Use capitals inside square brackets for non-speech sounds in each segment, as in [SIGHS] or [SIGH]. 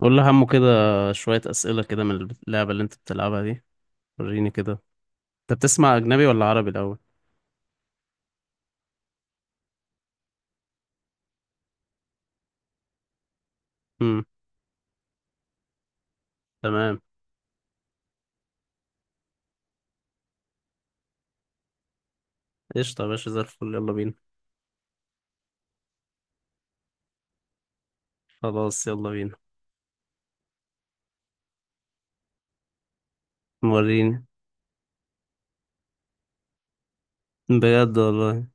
قول لي همه كده. شوية أسئلة كده من اللعبة اللي أنت بتلعبها دي. وريني كده. أنت بتسمع أجنبي ولا عربي الأول؟ امم. تمام. قشطة يا باشا، زي الفل، يلا بينا. خلاص، يلا بينا. وريني. بجد والله.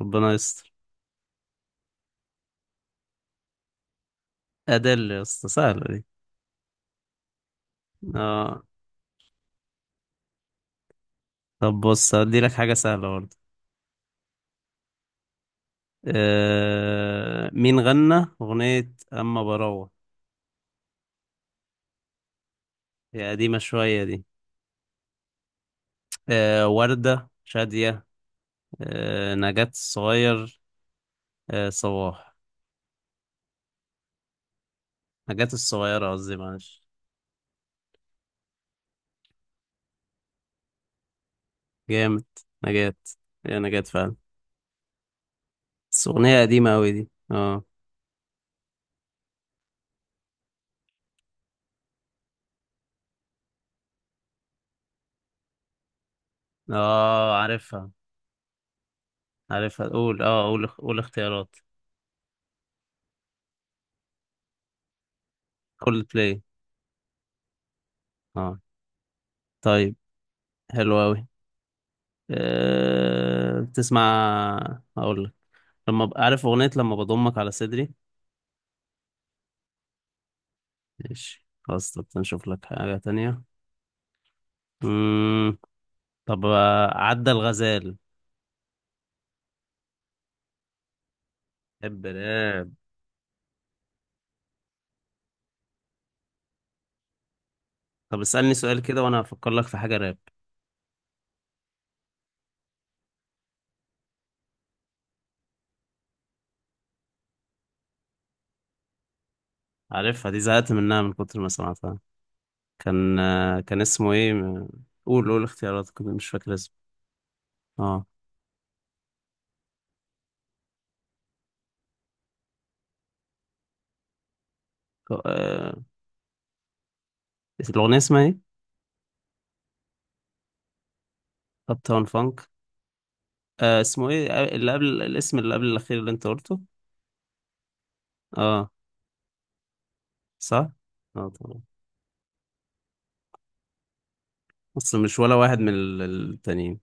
ربنا يستر. أدل يا اسطى، سهلة دي. آه، طب بص هديلك حاجة سهلة برضه. مين غنى أغنية أما براوة؟ هي قديمة شوية دي. وردة شادية؟ نجاة الصغير؟ صباح؟ نجاة الصغيرة قصدي، معلش. جامد. نجاة. يا نجاة فعلا. بس أغنية قديمة أوي دي، اه. اه، عارفها. عارفها، قول، اه، قول اختيارات. كل بلاي. اه. طيب. حلو أوي. بتسمع، أقول لك. عارف أغنية لما بضمك على صدري؟ ماشي، خلاص، طب نشوف لك حاجة تانية. مم. طب، عدى الغزال. بحب راب. طب اسألني سؤال كده وأنا هفكر لك في حاجة راب. عارفها دي، زهقت منها من كتر ما سمعتها. كان كان اسمه ايه؟ قول اختيارات، كنت مش فاكر اسمه. اه، آه، الأغنية اسمها ايه؟ أب تاون فانك. اسمه ايه، اللي قبل الاسم اللي قبل الأخير اللي انت قلته؟ اه. صح؟ اه، طبعا. أصل مش ولا واحد من التانيين.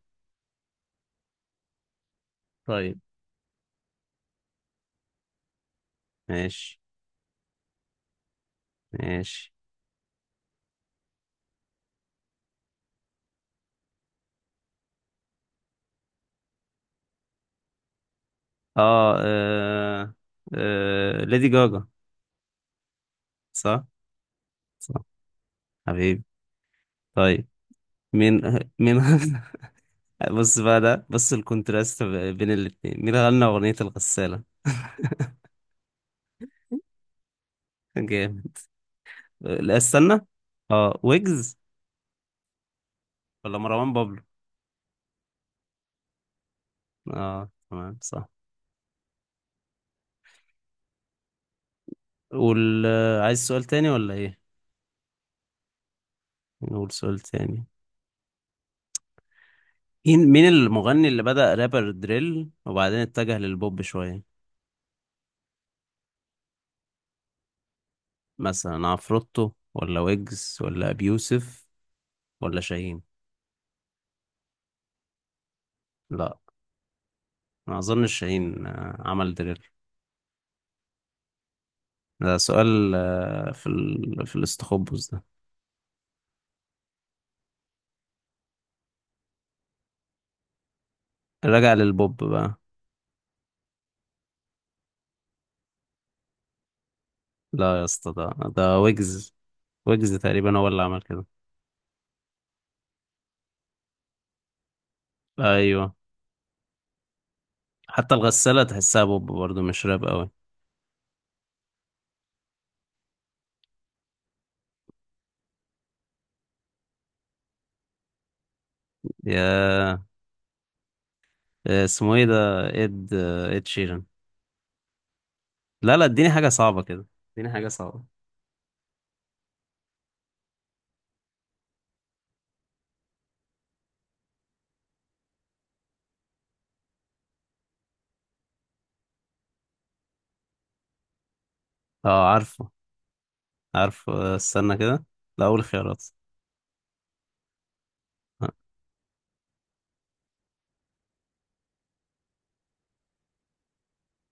طيب. ماشي. ماشي. اه، ليدي جاجا. صح؟ صح. حبيبي. طيب. مين. مين [LAUGHS] بص بقى، ده بص الكونتراست بين الاتنين. مين غنى أغنية الغسالة؟ جامد. لا، استنى. اه، ويجز. ولا مروان بابلو؟ اه، تمام، صح. قول، عايز سؤال تاني ولا ايه؟ نقول سؤال تاني. مين المغني اللي بدأ رابر دريل وبعدين اتجه للبوب شوية. مثلا عفروتو، ولا ويجز، ولا أبي يوسف، ولا شاهين؟ لا. ما اظنش شاهين عمل دريل. ده سؤال في في الاستخبص ده. رجع للبوب بقى. لا يا اسطى، ده ويجز. ويجز تقريبا هو اللي عمل كده. ايوه. حتى الغسالة تحسها بوب برضه، مش راب قوي. يا اسمه ايه ده؟ اد اد شيران. لا، لا، اديني حاجة صعبة كده. اديني حاجة صعبة. اه، عارفه، عارفه، استنى كده. لا، اول خيارات. آه.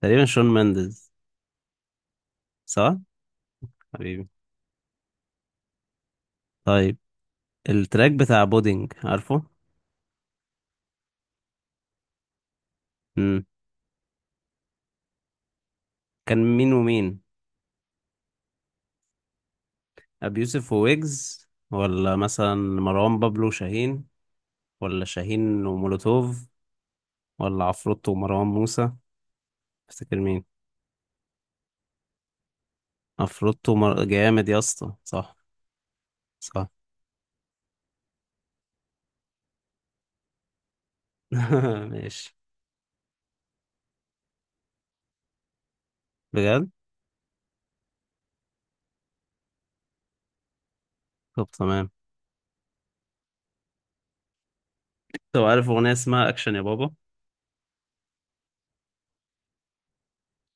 تقريبا شون مندز. صح. حبيبي. طيب. التراك بتاع بودينج، عارفه؟ امم. كان مين ومين؟ ابي يوسف وويجز، ولا مثلا مروان بابلو شاهين، ولا شاهين ومولوتوف، ولا عفروتو ومروان موسى؟ تفتكر مين؟ افروتو جامد يا اسطى، صح. صح. [LAUGHS] ماشي. بجد. طب، تمام. طب، عارف اغنيه اسمها اكشن يا بابا؟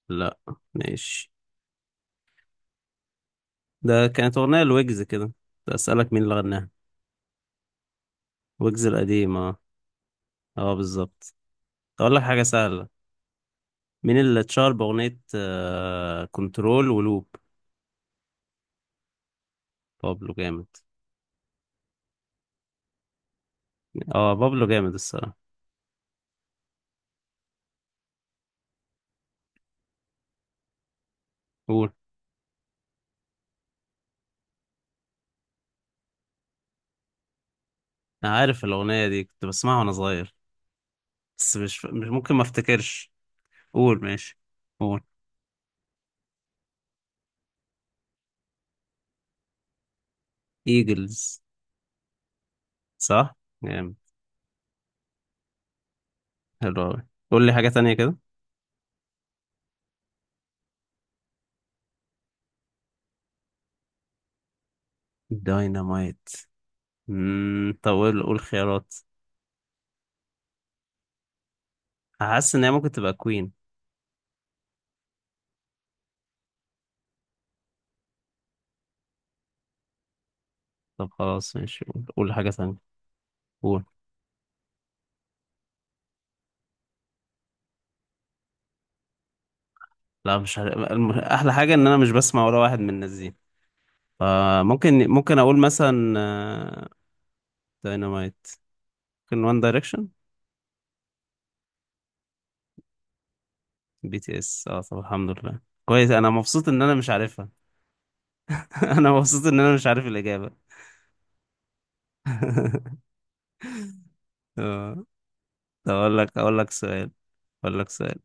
لا. ماشي. ده كانت اغنيه لويجز كده. ده اسالك مين اللي غناها. ويجز القديم، اه. اه، بالظبط. اقول لك حاجه سهله. مين اللي اتشهر باغنيه كنترول ولوب؟ بابلو، جامد. اه، بابلو جامد الصراحه. قول. انا عارف الاغنيه دي، كنت بسمعها وانا صغير. بس مش ممكن ما افتكرش. قول، ماشي. قول. ايجلز. صح. جامد. حلو أوي، قول لي حاجة تانية كده. داينامايت. طب، قول خيارات. حاسس ان هي ممكن تبقى كوين. طب خلاص، ماشي، قول حاجة تانية. قول. لا، مش عارف. احلى حاجة ان انا مش بسمع ولا واحد من الناس دي. فممكن اقول مثلا، داينامايت. ممكن وان دايركشن. بي تي اس، اه. طب الحمد لله، كويس. انا مبسوط ان انا مش عارفها. [LAUGHS] انا مبسوط ان انا مش عارف الاجابة. [LAUGHS] آه، طب اقول لك سؤال. اقول لك سؤال.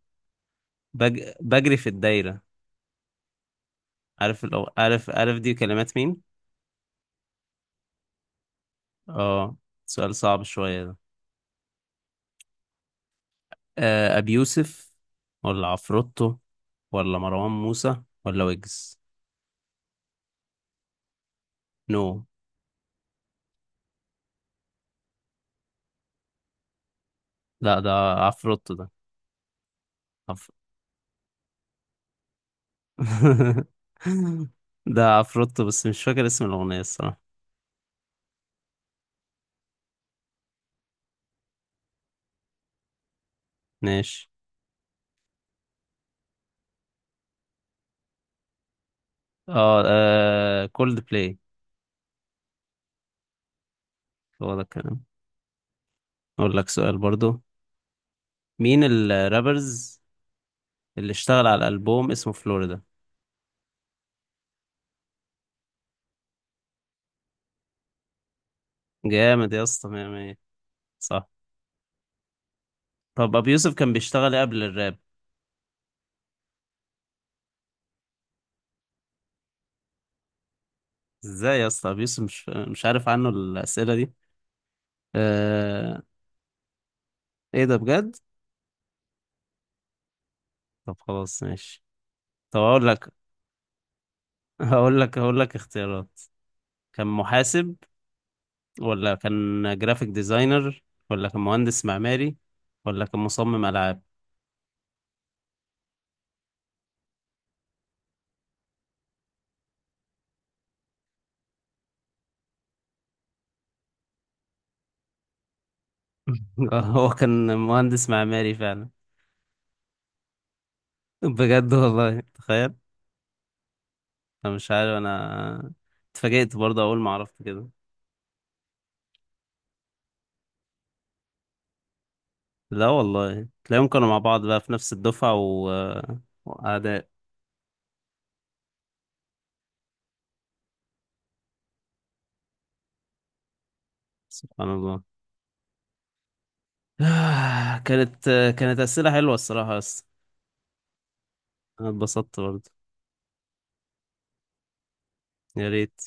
بجري في الدايرة. عارف الأو... عارف عارف دي كلمات مين؟ اه، سؤال صعب شوية ده. أبي يوسف، ولا عفروتو، ولا مروان موسى، ولا ويجز؟ نو. لا، ده عفروتو. عف... [LAUGHS] ده عفروتو بس مش فاكر اسم الأغنية الصراحة. ماشي. اه، كولد بلاي. هو ده الكلام. أقول لك سؤال برضو. مين الرابرز اللي اشتغل على الألبوم اسمه فلوريدا؟ جامد يا اسطى، مية مية. صح. طب، ابو يوسف كان بيشتغل إيه قبل الراب؟ ازاي يا اسطى، ابو يوسف مش عارف عنه الاسئله دي. آه... ايه ده بجد! طب خلاص، ماشي. طب، اقول لك. [LAUGHS] هقول لك اختيارات. كان محاسب، ولا كان جرافيك ديزاينر، ولا كان مهندس معماري، ولا كان مصمم العاب؟ [LAUGHS] هو كان مهندس معماري فعلا. بجد والله، تخيل. انا مش عارف. انا اتفاجئت برضه اول ما عرفت كده. لا والله، تلاقيهم كانوا مع بعض بقى في نفس الدفعة وأعداء. سبحان الله. [SIGHS] كانت كانت أسئلة حلوة الصراحة، بس أنا اتبسطت برضه. يا ريت.